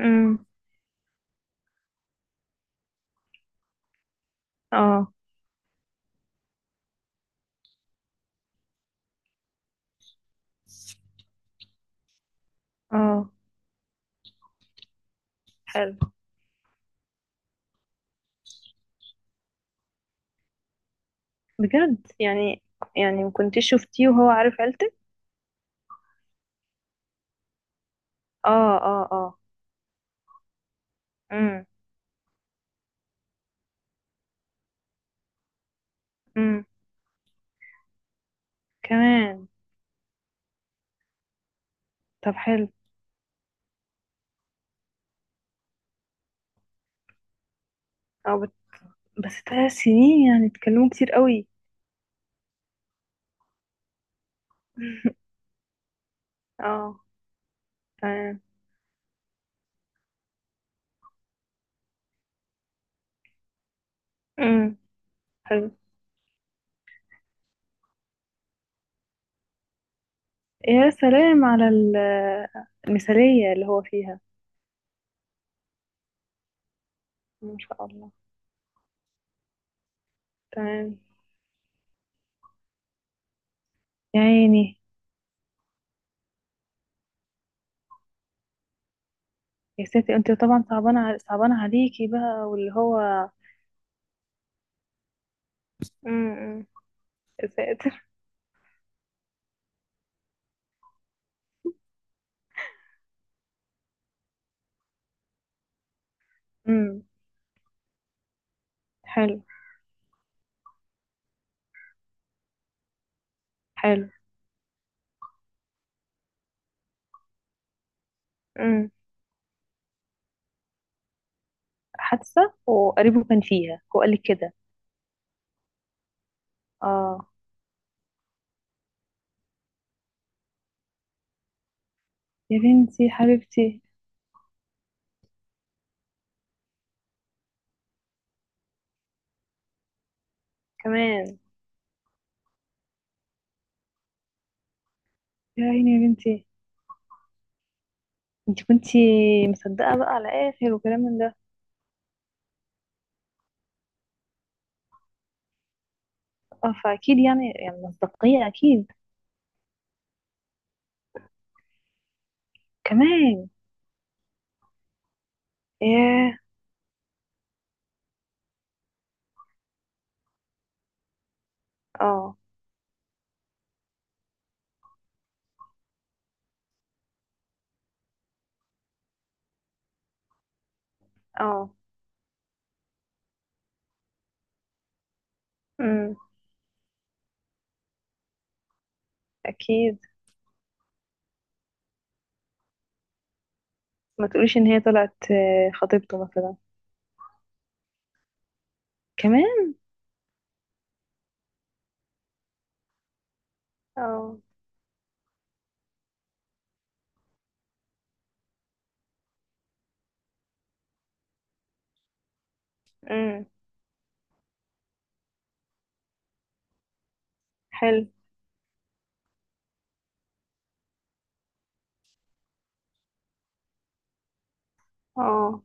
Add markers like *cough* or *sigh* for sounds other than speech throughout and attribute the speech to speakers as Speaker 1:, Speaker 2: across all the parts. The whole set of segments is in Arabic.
Speaker 1: امم. اه، اه. حلو. بجد، يعني ما كنتش شفتيه وهو عارف عيلتك؟ اه، اه، اه. امم، امم. كمان. طب، حلو. اه، بس 3 سنين يعني اتكلموا كتير قوي. *laughs* اه. تمام. امم. حلو. يا سلام على المثالية اللي هو فيها. ما شاء الله. تمام. يا عيني. يا ستي، انت طبعا صعبانة عليكي بقى واللي هو. امم، أمم. يا ساتر. امم. حلو، حلو. امم. حادثة وقريبه كان فيها، هو قال لي كده. اه. يا بنتي حبيبتي. كمان. يا عيني. يا بنتي، انت كنتي مصدقة بقى على اخر وكلام من ده. اه، فاكيد، يعني مصداقية اكيد. كمان. ياه. اه، اه. امم. اكيد. ما تقوليش ان هي طلعت خطيبته مثلا. كمان. اه. امم. حلو. اه.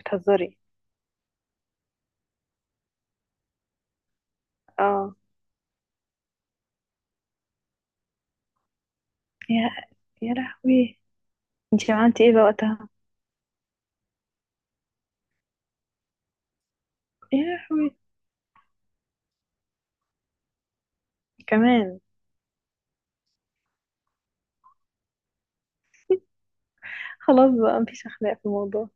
Speaker 1: بتهزري؟ اه. يا يا لهوي. انت عملتي ايه بقى وقتها؟ يا لهوي. كمان. خلاص بقى، مفيش اخلاق في الموضوع.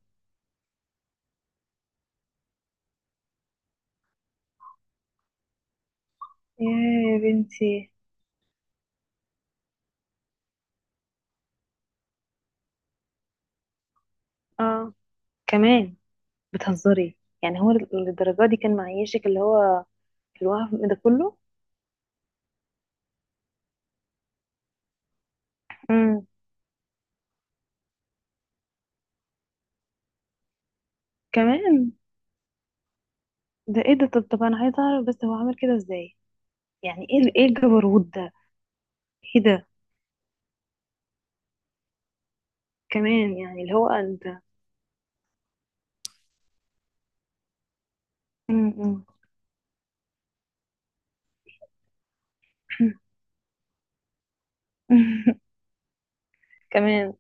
Speaker 1: يا بنتي. اه. كمان. بتهزري؟ يعني هو للدرجة دي كان معيشك، اللي هو، في الوقف ده كله؟ امم. كمان. ده ايه ده؟ طب انا عايزه اعرف، بس هو عامل كده ازاي؟ يعني ايه ايه الجبروت ده؟ ايه ده؟ كمان، يعني اللي هو انت. امم. *laughs* كمان.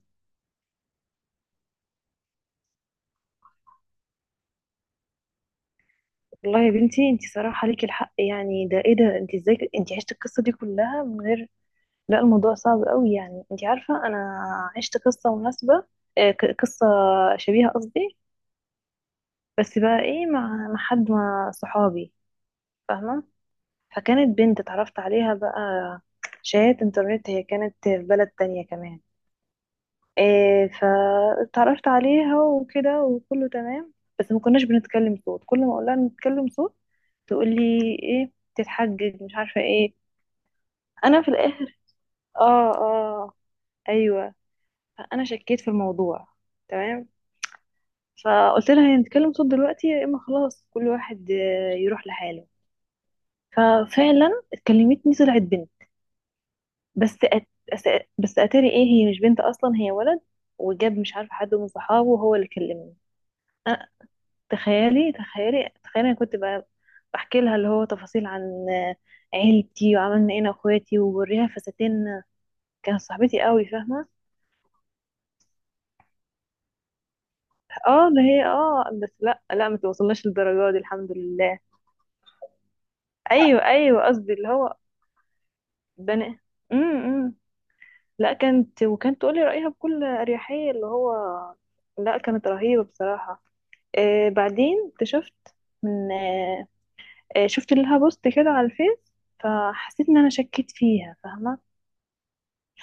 Speaker 1: والله يا بنتي، انت صراحه ليكي الحق، يعني ده ايه ده؟ انت ازاي؟ انت عشتي القصه دي كلها من غير. لا، الموضوع صعب قوي، يعني انت عارفة انا عشت قصة مناسبة، قصة شبيهة قصدي. بس بقى ايه، مع حد، مع صحابي. فاهمة؟ فكانت بنت اتعرفت عليها بقى، شات انترنت، هي كانت في بلد تانية كمان. إيه، فاتعرفت عليها وكده وكله تمام. بس ما كناش بنتكلم صوت، كل ما اقولها نتكلم صوت تقول لي ايه، تتحجج مش عارفة ايه. انا في الاخر. اه، اه. ايوه. فانا شكيت في الموضوع. تمام. فقلت لها هنتكلم صوت دلوقتي، يا اما خلاص كل واحد يروح لحاله. ففعلا اتكلمتني، طلعت بنت. بس أت... بس اتاري ايه، هي مش بنت اصلا، هي ولد. وجاب مش عارفه حد من صحابه، وهو اللي كلمني. أنا تخيلي، تخيلي، تخيلي، انا كنت بقى بحكي لها اللي هو تفاصيل عن آه، عيلتي وعملنا ايه انا واخواتي، وبوريها فساتين. كانت صاحبتي قوي، فاهمه؟ اه ده هي، اه، بس لا، لا، ما توصلناش للدرجه دي الحمد لله. ايوه، ايوه، قصدي اللي هو. بني. امم، إمم. لا، كانت تقولي رأيها بكل أريحية، اللي هو. لا، كانت رهيبة بصراحة. بعدين اكتشفت من آه آه، شفت لها بوست كده على الفيس. فحسيت ان انا شكيت فيها، فاهمة؟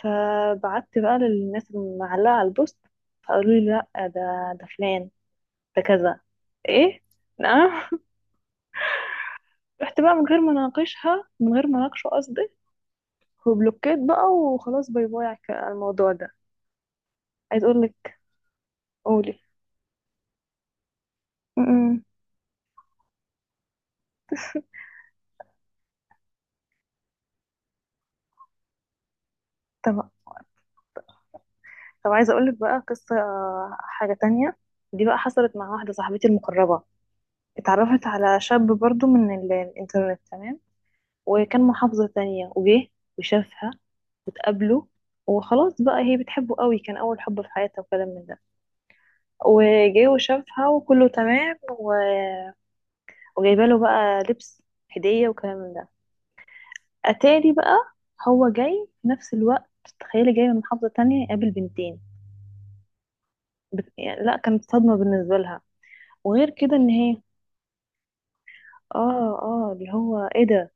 Speaker 1: فبعت بقى للناس اللي معلقة على البوست. فقالوا لي لا، ده فلان، ده كذا. ايه، نعم. *laughs* رحت بقى من غير ما اناقشها، من غير ما اناقشه قصدي. وبلوكيت بقى وخلاص، باي باي على على الموضوع ده. عايز اقول لك. قولي. م-م. *laughs* طب طب عايزه اقول لك بقى قصه، حاجه تانية. دي بقى حصلت مع واحده صاحبتي المقربه. اتعرفت على شاب برضو من الانترنت، تمام. وكان محافظه تانية، وجه وشافها وتقابله. وخلاص بقى، هي بتحبه قوي، كان اول حب في حياتها وكلام من ده. وجه وشافها وكله تمام و... وجايبه له بقى لبس، هديه وكلام من ده. اتاري بقى، هو جاي في نفس الوقت. تخيلي، جاي من محافظه تانية يقابل بنتين. بس يعني لا، كانت صدمة بالنسبة لها. وغير كده ان هي، اه، اه، اللي هو ايه ده؟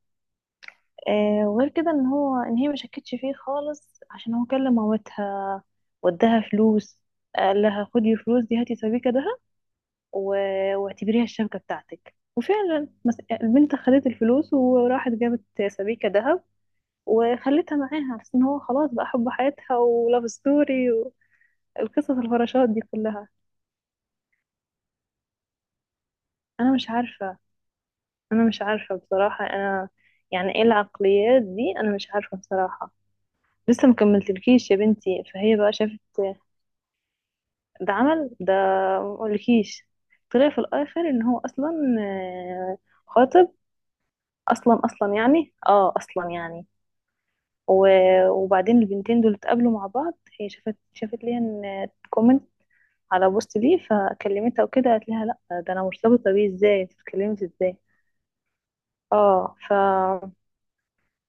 Speaker 1: وغير كده ان هو، ان هي ما شكتش فيه خالص، عشان هو كلم مامتها وداها فلوس. قال لها خدي الفلوس دي هاتي سبيكة دهب، واعتبريها الشبكة بتاعتك. وفعلا البنت خدت الفلوس وراحت جابت سبيكة دهب. وخلتها معاها على أساس ان هو خلاص بقى حب حياتها ولاف ستوري، والقصص الفراشات دي كلها. انا مش عارفة. انا مش عارفه بصراحه انا. يعني ايه العقليات دي، انا مش عارفه بصراحه. لسه مكملتلكيش يا بنتي، فهي بقى شافت. ده عمل ده، مقولكيش. طلع في الاخر ان هو اصلا، آه، خاطب اصلا يعني، اصلا يعني. وبعدين البنتين دول اتقابلوا مع بعض. هي شافت ليها ان كومنت على بوست ليه، فكلمتها وكده قالت لها لا، ده انا مرتبطه بيه، ازاي انت بتتكلمي ازاي؟ اه،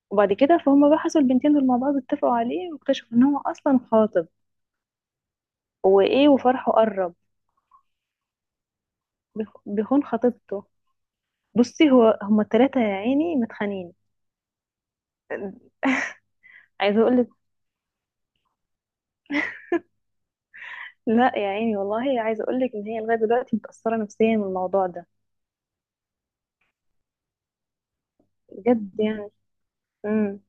Speaker 1: وبعد كده فهم بقى، حصل البنتين دول مع بعض، اتفقوا عليه واكتشفوا ان هو اصلا خاطب. وايه، وفرحه قرب. بيخون خطيبته. بصي هو هما التلاتة يا عيني متخانقين. عايزه اقول لك. لا، يا عيني، والله عايزه اقول لك ان هي لغايه دلوقتي متاثره نفسيا من الموضوع ده. بجد يعني. امم.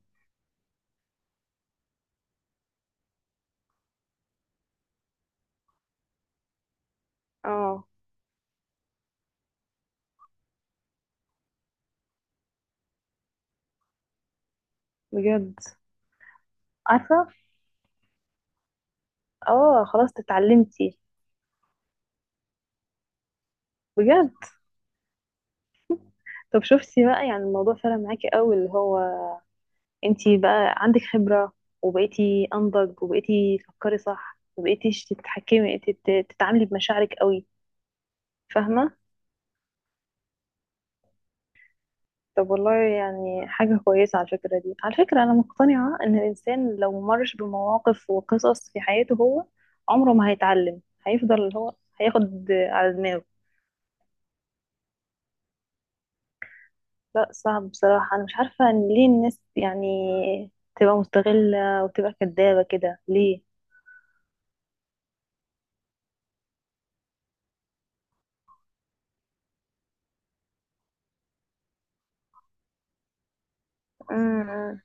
Speaker 1: اه. بجد. عارفه. اه. خلاص، اتعلمتي. بجد. طب شفتي بقى، يعني الموضوع فرق معاكي قوي اللي هو، انتي بقى عندك خبرة، وبقيتي انضج وبقيتي تفكري صح وبقيتيش تتحكمي، تتعاملي بمشاعرك قوي. فاهمة؟ طب والله يعني حاجة كويسة. على الفكرة دي، على فكرة أنا مقتنعة إن الإنسان لو مرش بمواقف وقصص في حياته، هو عمره ما هيتعلم، هيفضل اللي هو هياخد على دماغه. لا، صعب بصراحة، أنا مش عارفة إن ليه الناس يعني تبقى مستغلة وتبقى كدابة كده ليه؟ أمم.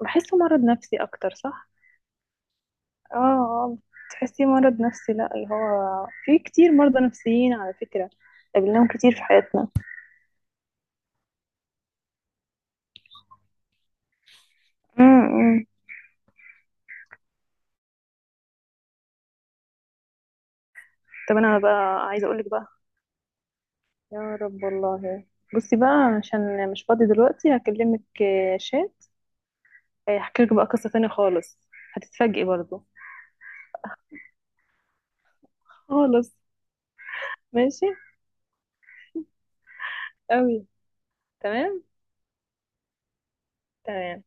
Speaker 1: بحسه مرض نفسي أكتر، صح؟ اه، تحسيه مرض نفسي، لا اللي هو في كتير مرضى نفسيين على فكرة، قابلناهم كتير في حياتنا. امم. طب انا بقى عايزة اقولك بقى. يا رب والله. بصي بقى. عشان مش فاضي دلوقتي هكلمك، شات. هحكي لك بقى قصة تانية خالص. هتتفاجئي برضو. خالص. ماشي. قوي. تمام. تمام.